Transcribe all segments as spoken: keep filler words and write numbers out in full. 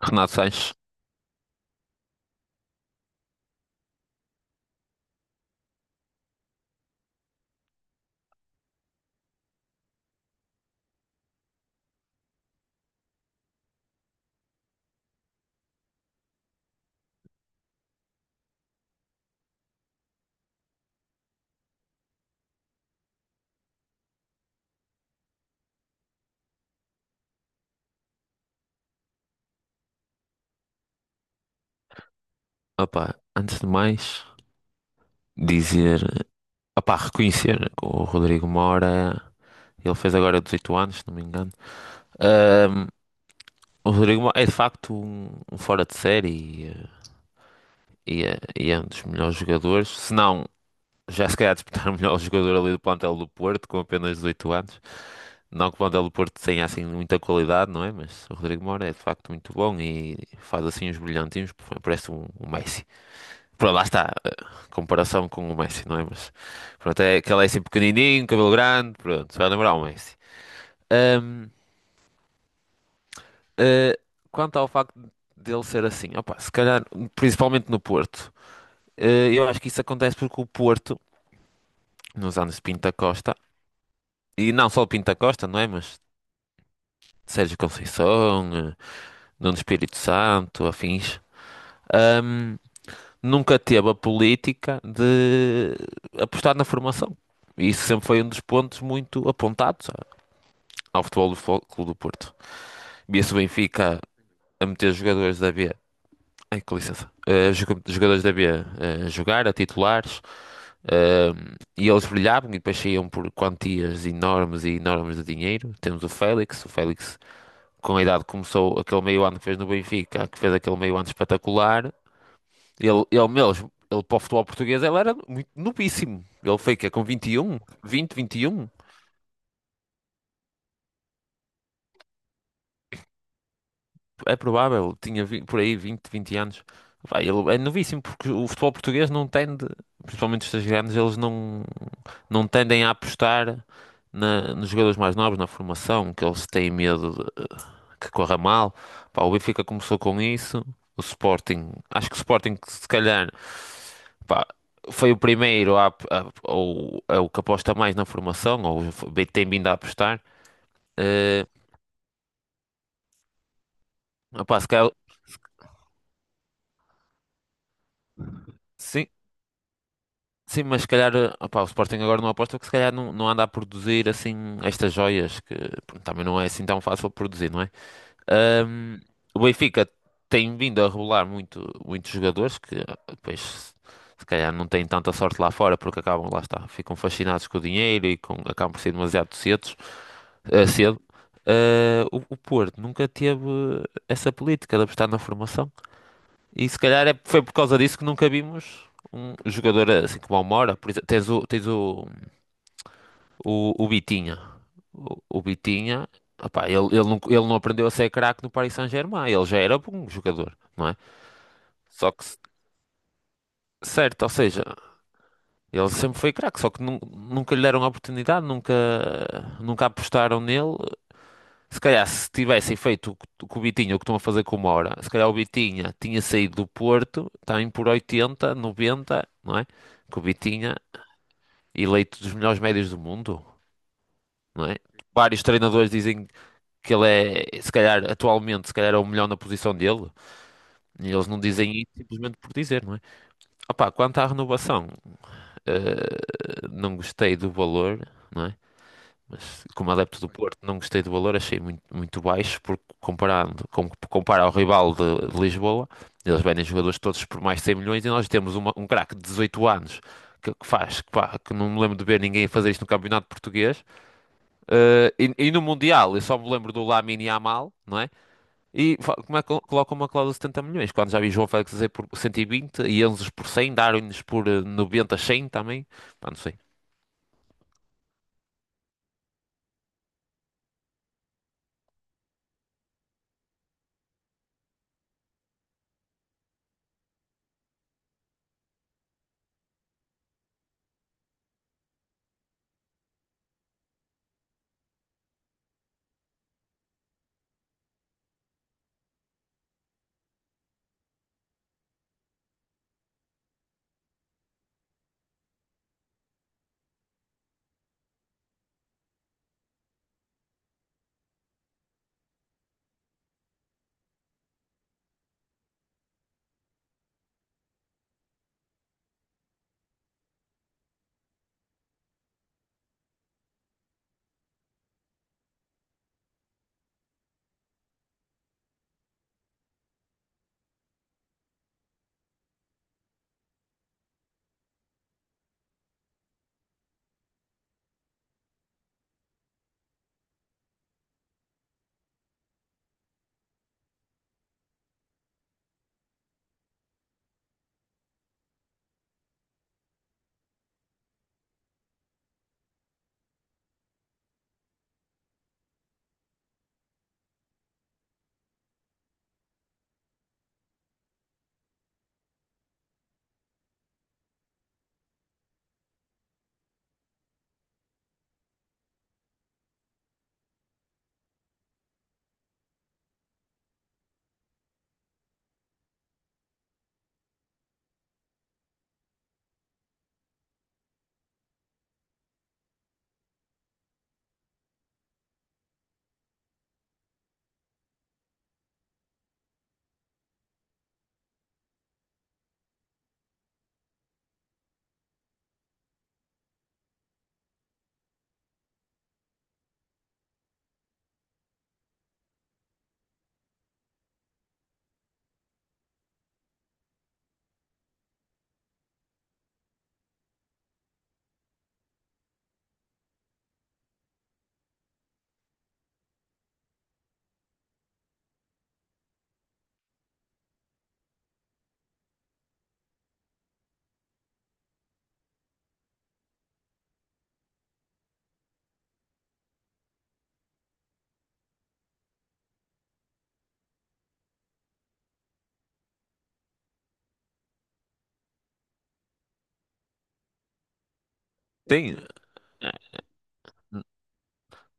Renato Sanches, opá, antes de mais, dizer, opá, reconhecer que o Rodrigo Mora, ele fez agora dezoito anos, se não me engano. Ahm, o Rodrigo Mora é de facto um, um fora de série e, eh, e é, e é um dos melhores jogadores, se não, já se calhar disputar o melhor jogador ali do plantel do Porto, com apenas dezoito anos. Não que o plantel do Porto tenha assim muita qualidade, não é? Mas o Rodrigo Mora é de facto muito bom e faz assim uns brilhantinhos, parece um, um Messi. Pronto, lá está. eh, Comparação com o Messi, não é? Mas pronto, é que ele é assim pequenininho, cabelo grande, pronto, se vai lembrar o Messi. Ahm, eh, Quanto ao facto dele ser assim, opa, se calhar, principalmente no Porto, eh, eu acho que isso acontece porque o Porto, nos anos de Pinto da Costa, e não só o Pinto da Costa, não é? Mas Sérgio Conceição, eh, Nuno Espírito Santo, afins, ahm, nunca teve a política de apostar na formação. E isso sempre foi um dos pontos muito apontados ao Futebol do Fo- Clube do Porto. Via-se o Benfica a meter jogadores da B. Ai, com licença. Eh, joga- jogadores da B a jogar, a titulares, eh, e eles brilhavam e depois saíam por quantias enormes e enormes de dinheiro. Temos o Félix, o Félix com a idade começou aquele meio ano que fez no Benfica, que fez aquele meio ano espetacular. Ele, ele mesmo, ele para o futebol português, ele era muito novíssimo. Ele foi que com vinte e um, vinte, vinte e um. É provável, tinha vi- por aí vinte, vinte anos. Pá, ele é novíssimo porque o futebol português não tende, principalmente os três grandes, eles não, não tendem a apostar na- nos jogadores mais novos, na formação, que eles têm medo de- que corra mal. Pá, o Benfica começou com isso, o Sporting, acho que o Sporting se calhar, pá, foi o primeiro a, a- ou é o que aposta mais na formação, ou tem vindo a apostar. Eh, Opá, se calhar, sim, sim, mas se calhar, eh, opá, o Sporting agora não aposta porque se calhar não, não anda a produzir assim estas joias que pronto, também não é assim tão fácil produzir, não é? Ahm, o Benfica tem vindo a revelar muito, muitos jogadores que ah, depois se calhar não têm tanta sorte lá fora porque acabam, lá está, ficam fascinados com o dinheiro e com, acabam por ser demasiado cedos, eh, cedo. Ah, o, o Porto nunca teve essa política de apostar na formação. E se calhar é- foi por causa disso que nunca vimos um jogador assim como o Mora. Por exemplo, tens o, tens o, o, o Bitinha. O, o Bitinha, opá, ele, ele, não, ele não aprendeu a ser craque no Paris Saint-Germain. Ele já era bom jogador, não é? Só que, certo, ou seja, ele sempre foi craque, só que nun- nunca lhe deram a oportunidade, nunca, nunca apostaram nele. Se calhar, se tivessem feito o que o que o Bitinha, o que estão a fazer com o Moura, se calhar o Bitinha tinha saído do Porto, está em por oitenta, noventa, não é? Que o Bitinha, eleito dos melhores médios do mundo, não é? Vários treinadores dizem que ele é, se calhar, atualmente, se calhar é o melhor na posição dele, e eles não dizem isso simplesmente por dizer, não é? Opa, quanto à renovação, eh, não gostei do valor, não é? Mas, como adepto do Porto, não gostei do valor, achei muito, muito baixo, porque comparando, com, compara ao rival de, de Lisboa, eles vendem jogadores todos por mais de cem milhões e nós temos uma- um craque de dezoito anos que, que faz, que, pá, que não me lembro de ver ninguém fazer isto no Campeonato Português. Eh, e, e no Mundial, eu só me lembro do Lamine Yamal, não é? E fa- como é que col- colocam uma cláusula de setenta milhões? Quando já vi João Félix dizer por cento e vinte e vinte e Enzo por cem, Darwin por eh, noventa, cem também. Pá, não sei. Tem.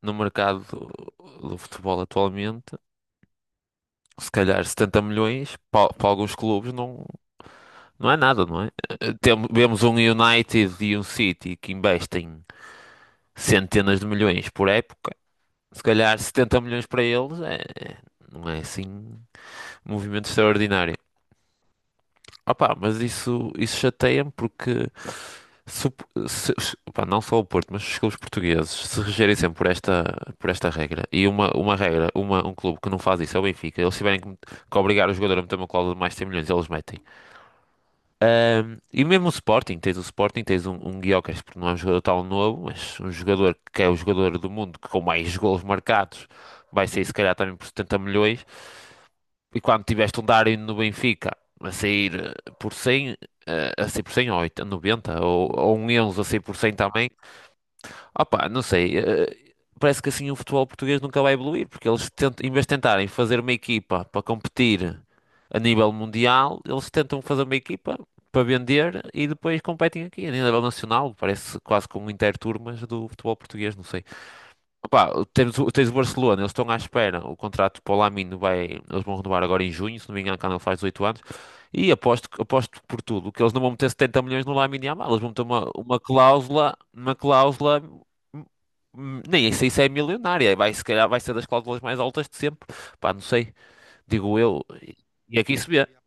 No mercado do, do futebol atualmente, se calhar setenta milhões pa- para, alguns clubes não, não é nada, não é? Eh, Tem, vemos um United e um City que investem centenas de milhões por época, se calhar setenta milhões para eles é, é- não é assim um movimento extraordinário. Opa, mas isso, isso chateia-me porque Se, o- se- se- pá, não só o Porto, mas os clubes portugueses se regerem sempre por esta, por esta regra, e uma, uma regra, uma, um clube que não faz isso é o Benfica, eles tiverem que, que obrigar o jogador a meter uma cláusula de mais de cem milhões, eles metem. Ahm, e mesmo o Sporting, tens o Sporting, tens um, um Gyökeres, porque não é um jogador tão novo, mas um jogador que é o jogador do mundo que com mais golos marcados vai sair se calhar também por setenta milhões. E quando tiveste um Darwin no Benfica a sair eh, por cem, eh, a sair por cem ou oitenta, noventa, ou, ou um Enzo a sair por cem também. Opá, não sei. eh, Parece que assim o futebol português nunca vai evoluir, porque eles tentam, em vez de tentarem fazer uma equipa para competir a nível mundial, eles tentam fazer uma equipa para vender e depois competem aqui a nível nacional. Parece quase com um interturmas do futebol português, não sei. Opa, temos, o- tens o Barcelona, eles estão à espera. O contrato para o Lamine vai, eles vão renovar agora em junho, se não me engano, quando ele faz dezoito anos. E aposto, que- aposto por tudo que eles não vão meter setenta milhões no Lamine Yamal. Eles vão meter uma, uma cláusula, uma cláusula, hum, hum, nem sei se é milionária. Vai, se calhar vai ser das cláusulas mais altas de sempre. Pá, não sei, digo eu. E e aqui se vê.